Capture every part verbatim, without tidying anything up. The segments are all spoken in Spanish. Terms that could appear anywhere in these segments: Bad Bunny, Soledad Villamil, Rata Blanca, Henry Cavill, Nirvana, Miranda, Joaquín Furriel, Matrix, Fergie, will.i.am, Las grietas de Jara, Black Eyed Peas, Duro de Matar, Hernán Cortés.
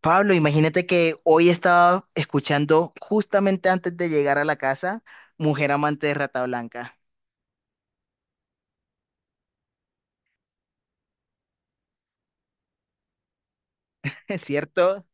Pablo, imagínate que hoy estaba escuchando justamente antes de llegar a la casa, Mujer Amante de Rata Blanca. ¿Es cierto?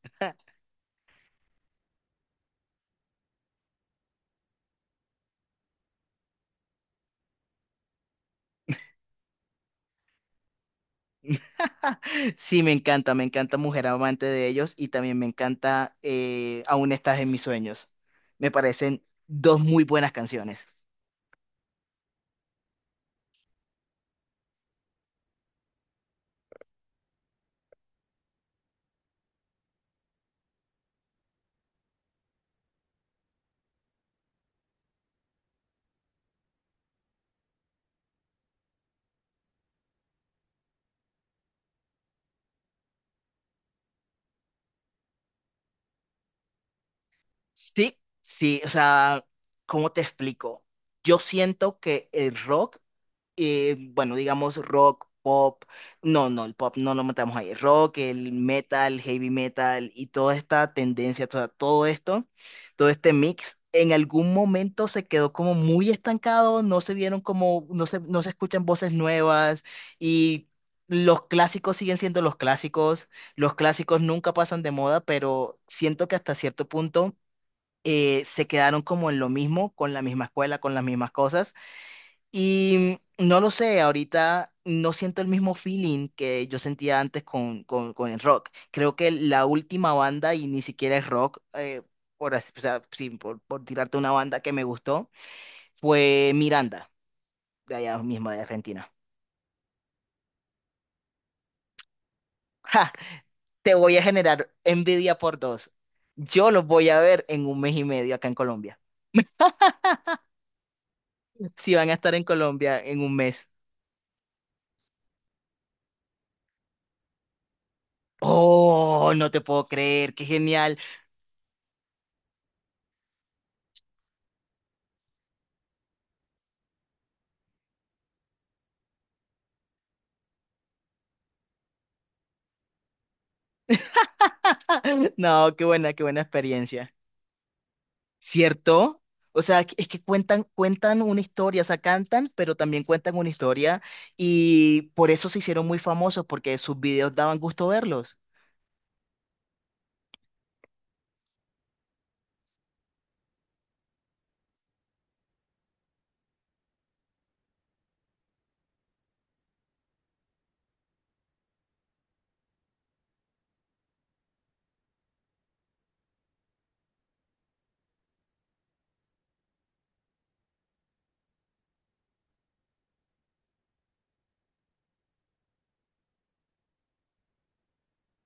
Sí, me encanta, me encanta Mujer Amante de ellos y también me encanta eh, Aún estás en mis sueños. Me parecen dos muy buenas canciones. Sí, sí, o sea, ¿cómo te explico? Yo siento que el rock eh, bueno, digamos rock, pop, no, no, el pop no lo matamos ahí, rock, el metal, heavy metal y toda esta tendencia, toda- todo esto, todo este mix, en algún momento se quedó como muy estancado, no se vieron como, no se, no se escuchan voces nuevas, y los clásicos siguen siendo los clásicos, los clásicos nunca pasan de moda, pero siento que hasta cierto punto eh, se quedaron como en lo mismo, con la misma escuela, con las mismas cosas. Y no lo sé, ahorita no siento el mismo feeling que yo sentía antes con, con, con el rock. Creo que la última banda, y ni siquiera es rock, eh, por, así- o sea, sí, por, por tirarte una banda que me gustó, fue Miranda, de allá mismo de Argentina. ¡Ja! Te voy a generar envidia por dos. Yo los voy a ver en un mes y medio acá en Colombia. Si van a estar en Colombia en un mes. Oh, no te puedo creer, qué genial. No, qué buena, qué buena experiencia. ¿Cierto? O sea, que- es que cuentan, cuentan una historia, o sea, cantan, pero también cuentan una historia y por eso se hicieron muy famosos, porque sus videos daban gusto verlos.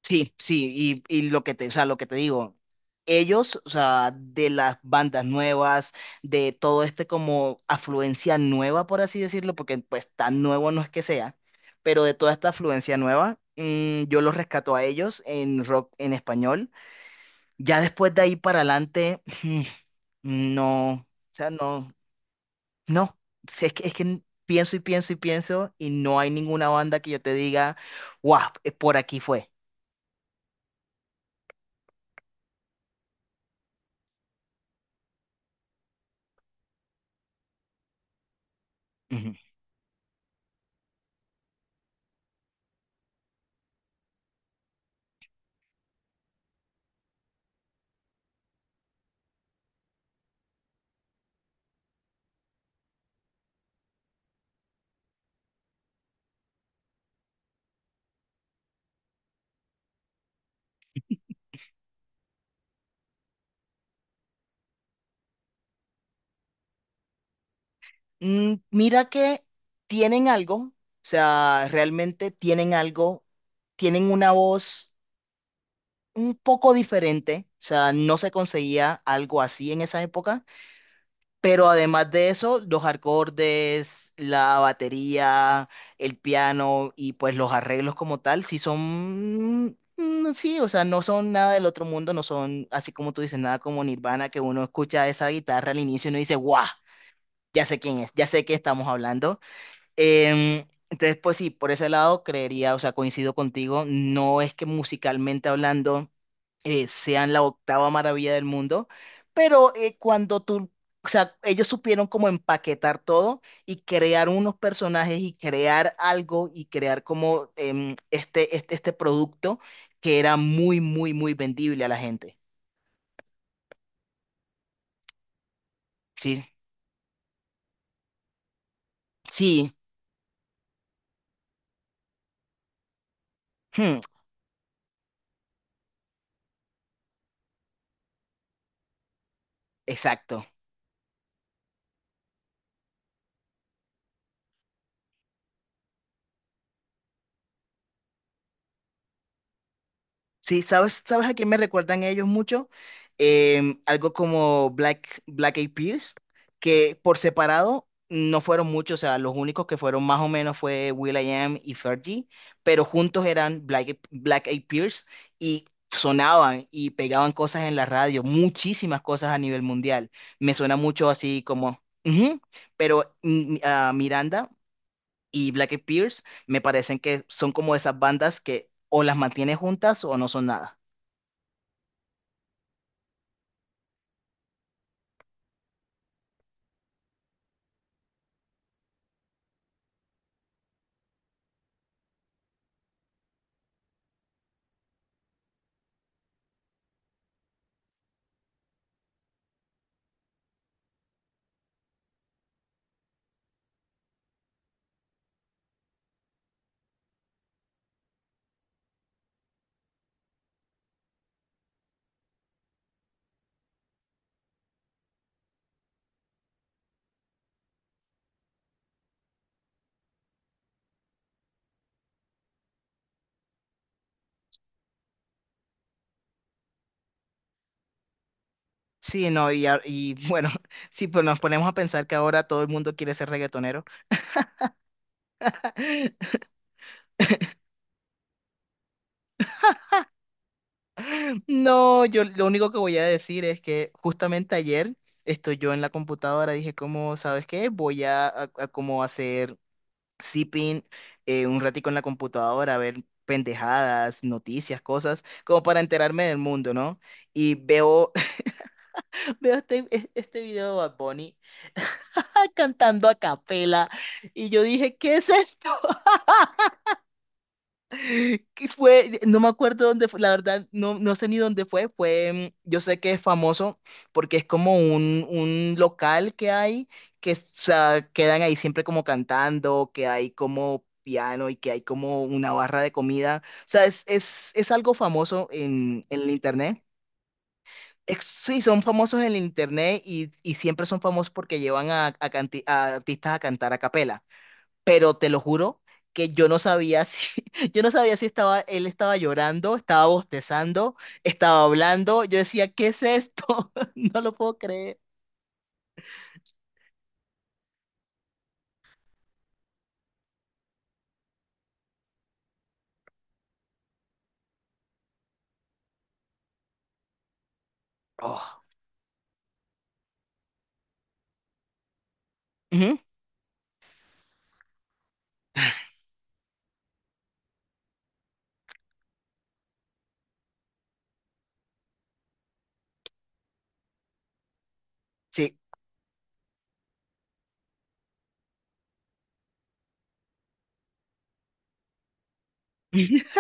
Sí, sí, y, y lo que te, o sea, lo que te digo, ellos, o sea, de las bandas nuevas, de todo este como afluencia nueva, por así decirlo, porque pues tan nuevo no es que sea, pero de toda esta afluencia nueva, mm, yo los rescato a ellos en rock en español. Ya después de ahí para adelante, no, o sea, no, no. Si es que, es que pienso y pienso y pienso y no hay ninguna banda que yo te diga, guau, eh, por aquí fue. Ujú. Mm, mira que tienen algo, o sea, realmente tienen algo, tienen una voz un poco diferente, o sea, no se conseguía algo así en esa época. Pero además de eso, los acordes, la batería, el piano y pues los arreglos como tal, sí son, mm, sí, o sea, no son nada del otro mundo, no son, así como tú dices, nada como Nirvana, que uno escucha esa guitarra al inicio y uno dice, ¡guau! Ya sé quién es, ya sé qué estamos hablando. Em, entonces, pues sí, por ese lado creería, o sea, coincido contigo, no es que musicalmente hablando eh, sean la octava maravilla del mundo, pero eh, cuando tú, o sea, ellos supieron como empaquetar todo y crear unos personajes y crear algo y crear como em, este, este, este producto que era muy, muy, muy vendible a la gente. Sí, sí, hmm, exacto. Sí, ¿sabes, sabes a quién me recuerdan ellos mucho? Em, algo como Black, Black Eyed Peas, que por separado no fueron muchos, o sea, los únicos que fueron más o menos fue will.i.am y Fergie, pero juntos eran Black, Eyed- Black Eyed Peas y sonaban y pegaban cosas en la radio, muchísimas cosas a nivel mundial. Me suena mucho así como, ujú, pero mm, a Miranda y Black Eyed Peas me parecen que son como esas bandas que o las mantienes juntas o no son nada. Sí, no, y, a- y bueno, sí, pues nos ponemos a pensar que ahora todo el mundo quiere ser reggaetonero. No, yo lo único que voy a decir es que justamente ayer estoy yo en la computadora, dije, como, ¿sabes qué? Voy a, a- a como hacer zipping eh, un ratico en la computadora, a ver pendejadas, noticias, cosas, como para enterarme del mundo, ¿no? Y veo, veo este, este video de Bad Bunny cantando a capela y yo dije, ¿qué es esto? Que fue, no me acuerdo dónde fue, la verdad, no, no sé ni dónde fue, fue, mm, yo sé que es famoso porque es como un, un local que hay, que es- o sea, quedan ahí siempre como cantando, que hay como piano y que hay como una barra de comida, o sea, es, es, es algo famoso en, en el internet. Ex- Sí, son famosos en el internet y, y siempre son famosos porque llevan a, a canti- a artistas a cantar a capela, pero te lo juro que yo no sabía si, yo no sabía si estaba, él estaba llorando, estaba bostezando, estaba hablando. Yo decía, ¿qué es esto? No lo puedo creer. Oh. Ujú. Sí.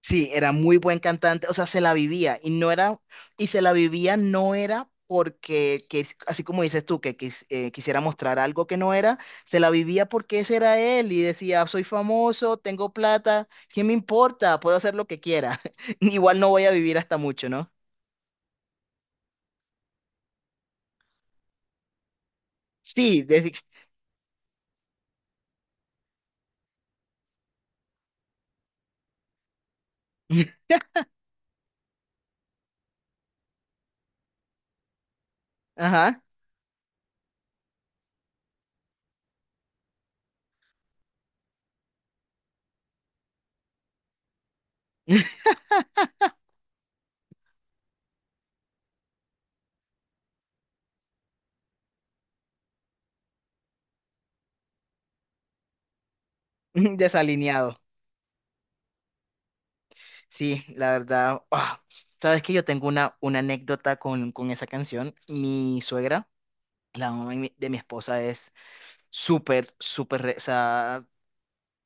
Sí, era muy buen cantante, o sea, se la vivía y no era, y se la vivía no era porque, que, así como dices tú, que quis- eh, quisiera mostrar algo que no era, se la vivía porque ese era él y decía, soy famoso, tengo plata, ¿qué me importa? Puedo hacer lo que quiera. Igual no voy a vivir hasta mucho, ¿no? Sí, desi- ajá, desalineado. Sí, la verdad, ah, sabes que yo tengo una, una anécdota con, con esa canción. Mi suegra, la mamá de mi de mi esposa es súper, súper, re- o sea,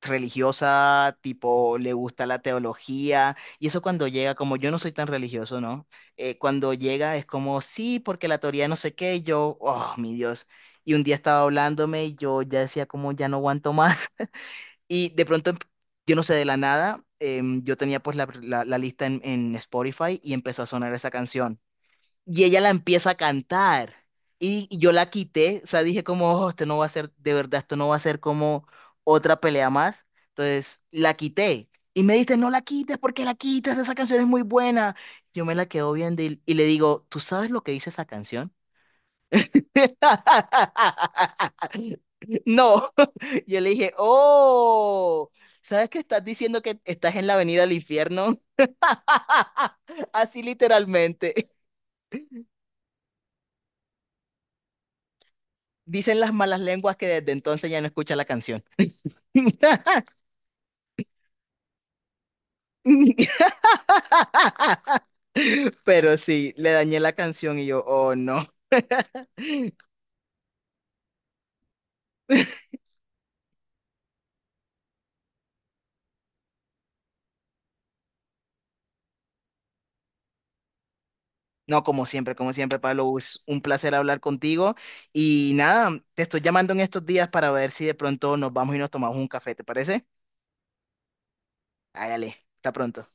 religiosa, tipo, le gusta la teología, y eso cuando llega, como yo no soy tan religioso, ¿no? Eh, cuando llega es como, sí, porque la teoría no sé qué, y yo, oh, mi Dios, y un día estaba hablándome y yo ya decía como, ya no aguanto más, y de pronto, em- yo no sé, de la nada, em, yo tenía pues la, la- la lista en, en Spotify y empezó a sonar esa canción. Y ella la empieza a cantar. Y, y yo la quité, o sea, dije como, "Oh, esto no va a ser, de verdad, esto no va a ser como otra pelea más". Entonces, la quité. Y me dice, "No la quites, porque la quitas? Esa canción es muy buena". Yo me la quedo viendo y, y le digo, ¿tú sabes lo que dice esa canción? No, yo le dije, oh, ¿sabes que estás diciendo que estás en la avenida del infierno? Así literalmente. Dicen las malas lenguas que desde entonces ya no escucha la canción. Pero sí, le dañé la canción y yo, oh no. No, como siempre, como siempre, Pablo, es un placer hablar contigo. Y nada, te estoy llamando en estos días para ver si de pronto nos vamos y nos tomamos un café, ¿te parece? Hágale, hasta pronto.